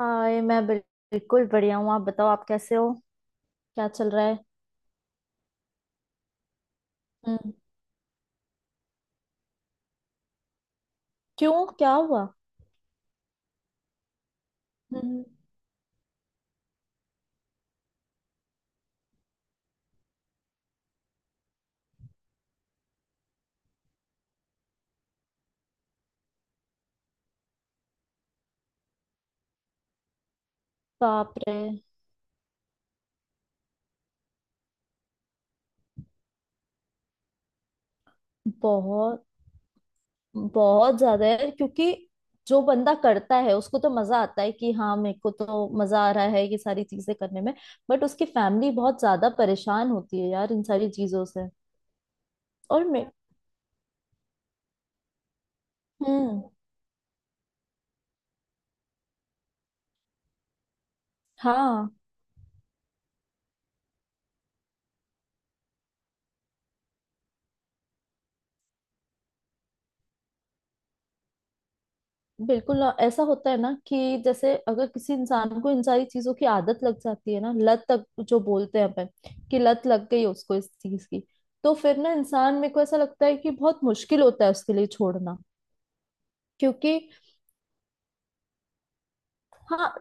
हाय मैं बिल्कुल बढ़िया हूँ। आप बताओ आप कैसे हो। क्या चल रहा है। हम्म। क्यों क्या हुआ। हम्म। बाप रे। बहुत बहुत ज्यादा है क्योंकि जो बंदा करता है उसको तो मजा आता है कि हाँ मेरे को तो मजा आ रहा है ये सारी चीजें करने में। बट उसकी फैमिली बहुत ज्यादा परेशान होती है यार इन सारी चीजों से। और मैं। हम्म। हाँ। बिल्कुल ना, ऐसा होता है ना कि जैसे अगर किसी इंसान को इन सारी चीजों की आदत लग जाती है ना लत तक जो बोलते हैं अपन कि लत लग गई उसको इस चीज की। तो फिर ना इंसान मेरे को ऐसा लगता है कि बहुत मुश्किल होता है उसके लिए छोड़ना। क्योंकि हाँ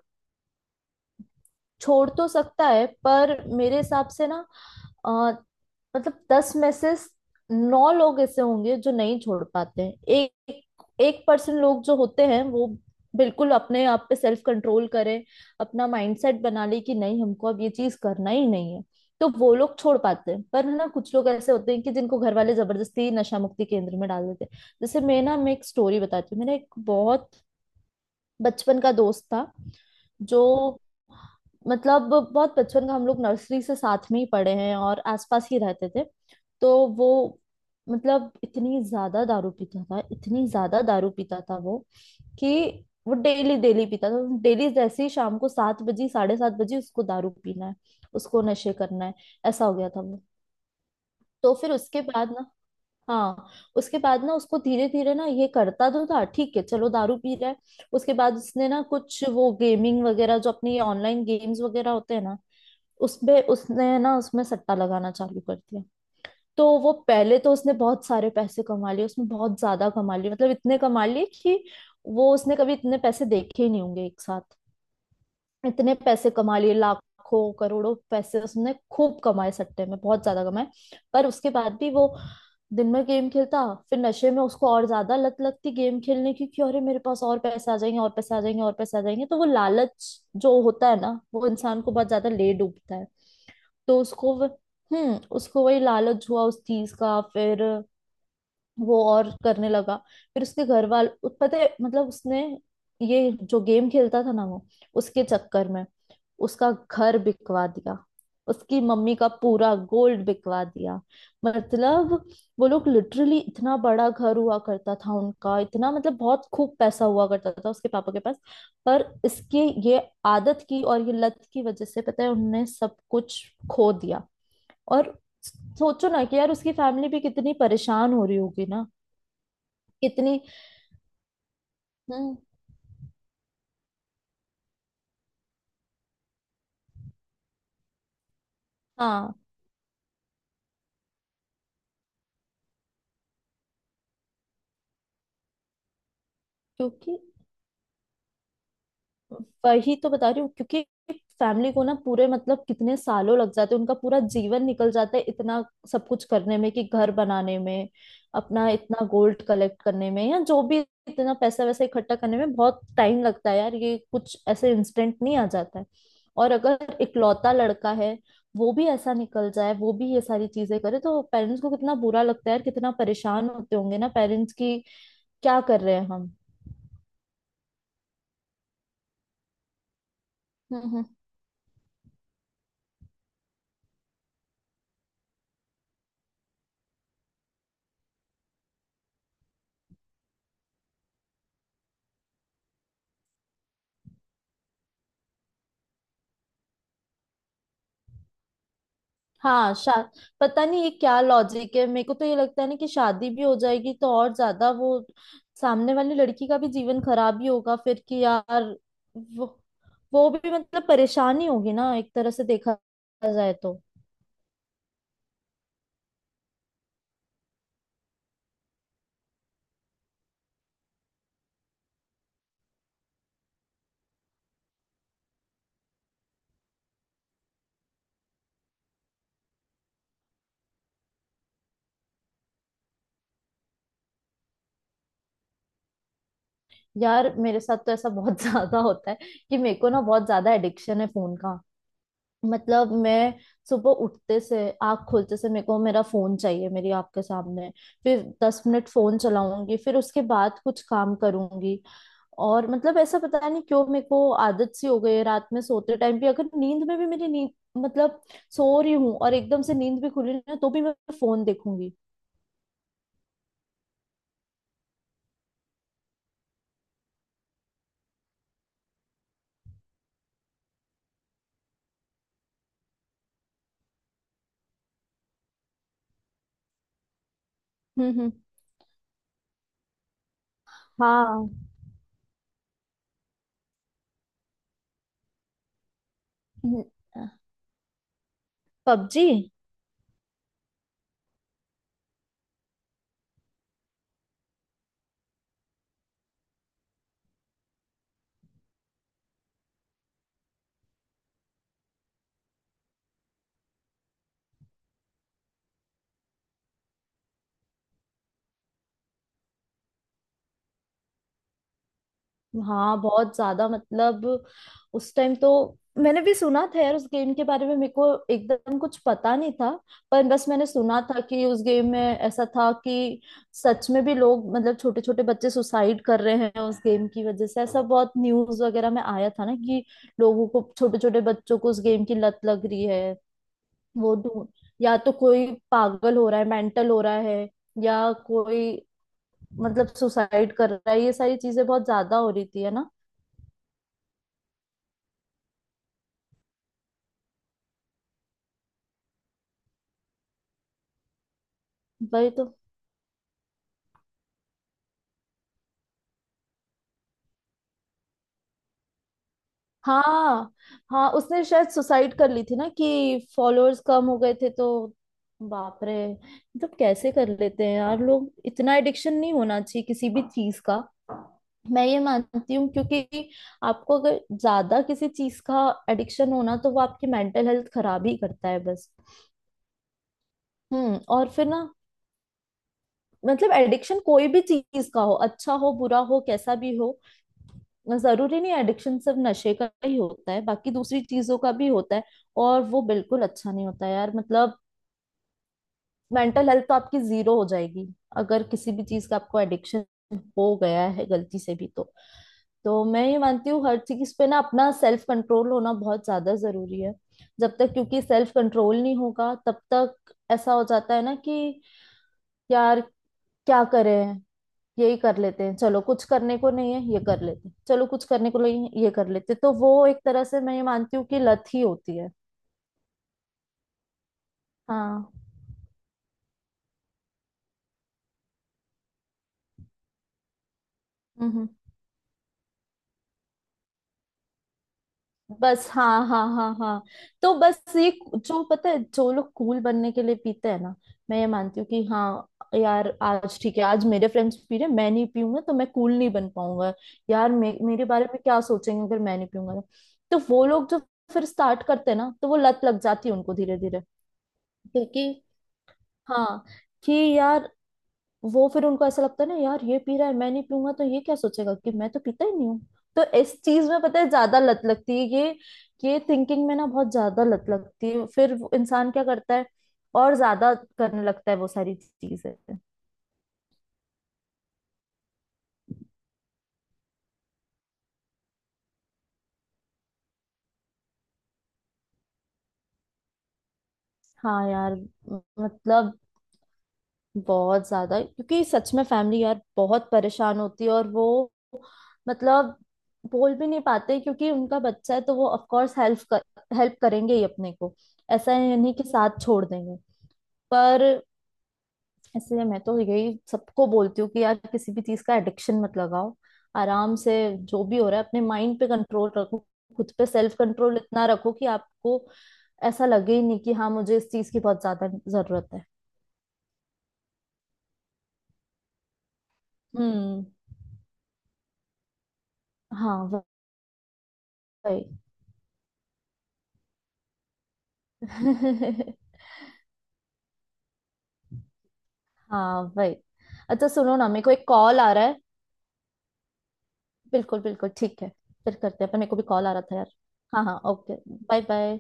छोड़ तो सकता है पर मेरे हिसाब से ना। अ, मतलब 10 में से नौ लोग ऐसे होंगे जो नहीं छोड़ पाते हैं। एक एक परसेंट लोग जो होते हैं वो बिल्कुल अपने आप पे सेल्फ कंट्रोल करें। अपना माइंडसेट बना ले कि नहीं हमको अब ये चीज करना ही नहीं है। तो वो लोग छोड़ पाते हैं पर है ना कुछ लोग ऐसे होते हैं कि जिनको घर वाले जबरदस्ती नशा मुक्ति केंद्र में डाल देते हैं जैसे मैं ना मैं एक स्टोरी बताती हूँ। मेरा एक बहुत बचपन का दोस्त था जो मतलब बहुत बचपन का हम लोग नर्सरी से साथ में ही पढ़े हैं और आसपास ही रहते थे। तो वो मतलब इतनी ज्यादा दारू पीता था इतनी ज्यादा दारू पीता था वो कि वो डेली डेली पीता था डेली जैसे ही शाम को 7 बजे 7:30 बजे उसको दारू पीना है। उसको नशे करना है। ऐसा हो गया था वो। तो फिर उसके बाद ना। हाँ। उसके बाद ना उसको धीरे धीरे ना ये करता तो था ठीक है चलो दारू पी रहा है। उसके बाद उसने ना कुछ वो गेमिंग वगैरह जो अपने ऑनलाइन गेम्स वगैरह होते हैं ना उसमें उसने ना उसमें सट्टा लगाना चालू कर दिया। तो वो पहले तो उसने बहुत सारे पैसे कमा लिए उसने बहुत ज्यादा कमा लिए मतलब इतने कमा लिए कि वो उसने कभी इतने पैसे देखे ही नहीं होंगे एक साथ। इतने पैसे कमा लिए लाखों करोड़ों पैसे उसने खूब कमाए सट्टे में बहुत ज्यादा कमाए। पर उसके बाद भी वो दिन में गेम खेलता। फिर नशे में उसको और ज्यादा लत लगती गेम खेलने की कि अरे मेरे पास और पैसे आ जाएंगे और पैसे आ जाएंगे और पैसे आ जाएंगे तो वो लालच जो होता है ना वो इंसान को बहुत ज्यादा ले डूबता है। तो उसको उसको वही लालच हुआ उस चीज का फिर वो और करने लगा। फिर उसके घर वाल पता है मतलब उसने ये जो गेम खेलता था ना वो उसके चक्कर में उसका घर बिकवा दिया। उसकी मम्मी का पूरा गोल्ड बिकवा दिया। मतलब वो लोग लिटरली इतना बड़ा घर हुआ करता था उनका इतना मतलब बहुत खूब पैसा हुआ करता था उसके पापा के पास। पर इसके ये आदत की और ये लत की वजह से पता है उनने सब कुछ खो दिया। और सोचो ना कि यार उसकी फैमिली भी कितनी परेशान हो रही होगी ना कितनी। हम्म। हाँ। क्योंकि वही तो बता रही हूँ क्योंकि फैमिली को ना पूरे मतलब कितने सालों लग जाते हैं उनका पूरा जीवन निकल जाता है इतना सब कुछ करने में कि घर बनाने में अपना इतना गोल्ड कलेक्ट करने में या जो भी इतना पैसा वैसा इकट्ठा करने में बहुत टाइम लगता है यार। ये कुछ ऐसे इंस्टेंट नहीं आ जाता है। और अगर इकलौता लड़का है वो भी ऐसा निकल जाए वो भी ये सारी चीजें करे तो पेरेंट्स को कितना बुरा लगता है यार कितना परेशान होते होंगे ना पेरेंट्स की क्या कर रहे हैं हम। हम्म। हाँ शाद पता नहीं ये क्या लॉजिक है मेरे को तो ये लगता है ना कि शादी भी हो जाएगी तो और ज्यादा वो सामने वाली लड़की का भी जीवन खराब ही होगा फिर कि यार वो वो भी मतलब परेशानी होगी ना एक तरह से देखा जाए तो। यार मेरे साथ तो ऐसा बहुत ज्यादा होता है कि मेरे को ना बहुत ज्यादा एडिक्शन है फोन का। मतलब मैं सुबह उठते से आँख खोलते से मेरे को मेरा फोन चाहिए मेरी आँख के सामने। फिर 10 मिनट फोन चलाऊंगी फिर उसके बाद कुछ काम करूंगी। और मतलब ऐसा पता नहीं क्यों मेरे को आदत सी हो गई है रात में सोते टाइम भी अगर नींद में भी मेरी नींद मतलब सो रही हूँ और एकदम से नींद भी खुली ना तो भी मैं फोन देखूंगी। हम्म। हाँ। पबजी। हाँ बहुत ज्यादा मतलब उस टाइम तो मैंने भी सुना था यार उस गेम के बारे में। मेरे को एकदम कुछ पता नहीं था पर बस मैंने सुना था कि उस गेम में ऐसा था कि सच में भी लोग मतलब छोटे छोटे बच्चे सुसाइड कर रहे हैं उस गेम की वजह से ऐसा बहुत न्यूज वगैरह में आया था ना कि लोगों को छोटे छोटे बच्चों को उस गेम की लत लग रही है। वो ढूंढ या तो कोई पागल हो रहा है मेंटल हो रहा है या कोई मतलब सुसाइड कर रहा है ये सारी चीजें बहुत ज्यादा हो रही थी है ना। वही तो। हाँ हाँ उसने शायद सुसाइड कर ली थी ना कि फॉलोअर्स कम हो गए थे तो। बाप रे मतलब कैसे कर लेते हैं यार लोग इतना एडिक्शन नहीं होना चाहिए किसी भी चीज का। मैं ये मानती हूँ क्योंकि आपको अगर ज्यादा किसी चीज का एडिक्शन होना तो वो आपकी मेंटल हेल्थ खराब ही करता है बस। हम्म। और फिर ना मतलब एडिक्शन कोई भी चीज का हो अच्छा हो बुरा हो कैसा भी हो जरूरी नहीं एडिक्शन सिर्फ नशे का ही होता है बाकी दूसरी चीजों का भी होता है। और वो बिल्कुल अच्छा नहीं होता है यार मतलब मेंटल हेल्थ तो आपकी जीरो हो जाएगी अगर किसी भी चीज का आपको एडिक्शन हो गया है गलती से भी तो मैं ये मानती हूँ हर चीज पे ना अपना सेल्फ कंट्रोल होना बहुत ज्यादा जरूरी है। जब तक क्योंकि सेल्फ कंट्रोल नहीं होगा तब तक ऐसा हो जाता है ना कि यार क्या करें यही कर लेते हैं चलो कुछ करने को नहीं है ये कर लेते हैं चलो कुछ करने को नहीं है ये कर लेते हैं। तो वो एक तरह से मैं ये मानती हूँ कि लत ही होती है। हाँ। हम्म। बस हाँ हाँ हाँ हाँ। तो बस ये जो पता है जो लोग कूल बनने के लिए पीते हैं ना मैं ये मानती हूँ कि हाँ यार आज ठीक है आज मेरे फ्रेंड्स पी रहे हैं, मैं नहीं पीऊंगा तो मैं कूल नहीं बन पाऊंगा। यार मेरे बारे में क्या सोचेंगे अगर मैं नहीं पीऊंगा तो। तो वो लोग जो फिर स्टार्ट करते हैं ना तो वो लत लग जाती है उनको धीरे धीरे। क्योंकि हाँ कि यार वो फिर उनको ऐसा लगता है ना यार ये पी रहा है मैं नहीं पीऊंगा तो ये क्या सोचेगा कि मैं तो पीता ही नहीं हूँ। तो इस चीज में पता है ज्यादा लत लगती है ये थिंकिंग में ना बहुत ज्यादा लत लगती है फिर वो इंसान क्या करता है और ज्यादा करने लगता है वो सारी चीजें। हाँ यार मतलब बहुत ज्यादा क्योंकि सच में फैमिली यार बहुत परेशान होती है और वो मतलब बोल भी नहीं पाते क्योंकि उनका बच्चा है तो वो ऑफ कोर्स हेल्प करेंगे ही अपने को। ऐसा नहीं कि साथ छोड़ देंगे पर इसलिए मैं तो यही सबको बोलती हूँ कि यार किसी भी चीज का एडिक्शन मत लगाओ आराम से जो भी हो रहा है अपने माइंड पे कंट्रोल रखो। खुद पे सेल्फ कंट्रोल इतना रखो कि आपको ऐसा लगे ही नहीं कि हाँ मुझे इस चीज की बहुत ज्यादा जरूरत है। हम्म। हाँ वही। हाँ वही। अच्छा सुनो ना मेरे को एक कॉल आ रहा है बिल्कुल बिल्कुल ठीक है फिर करते हैं पर मेरे को भी कॉल आ रहा था यार। हाँ हाँ ओके बाय बाय।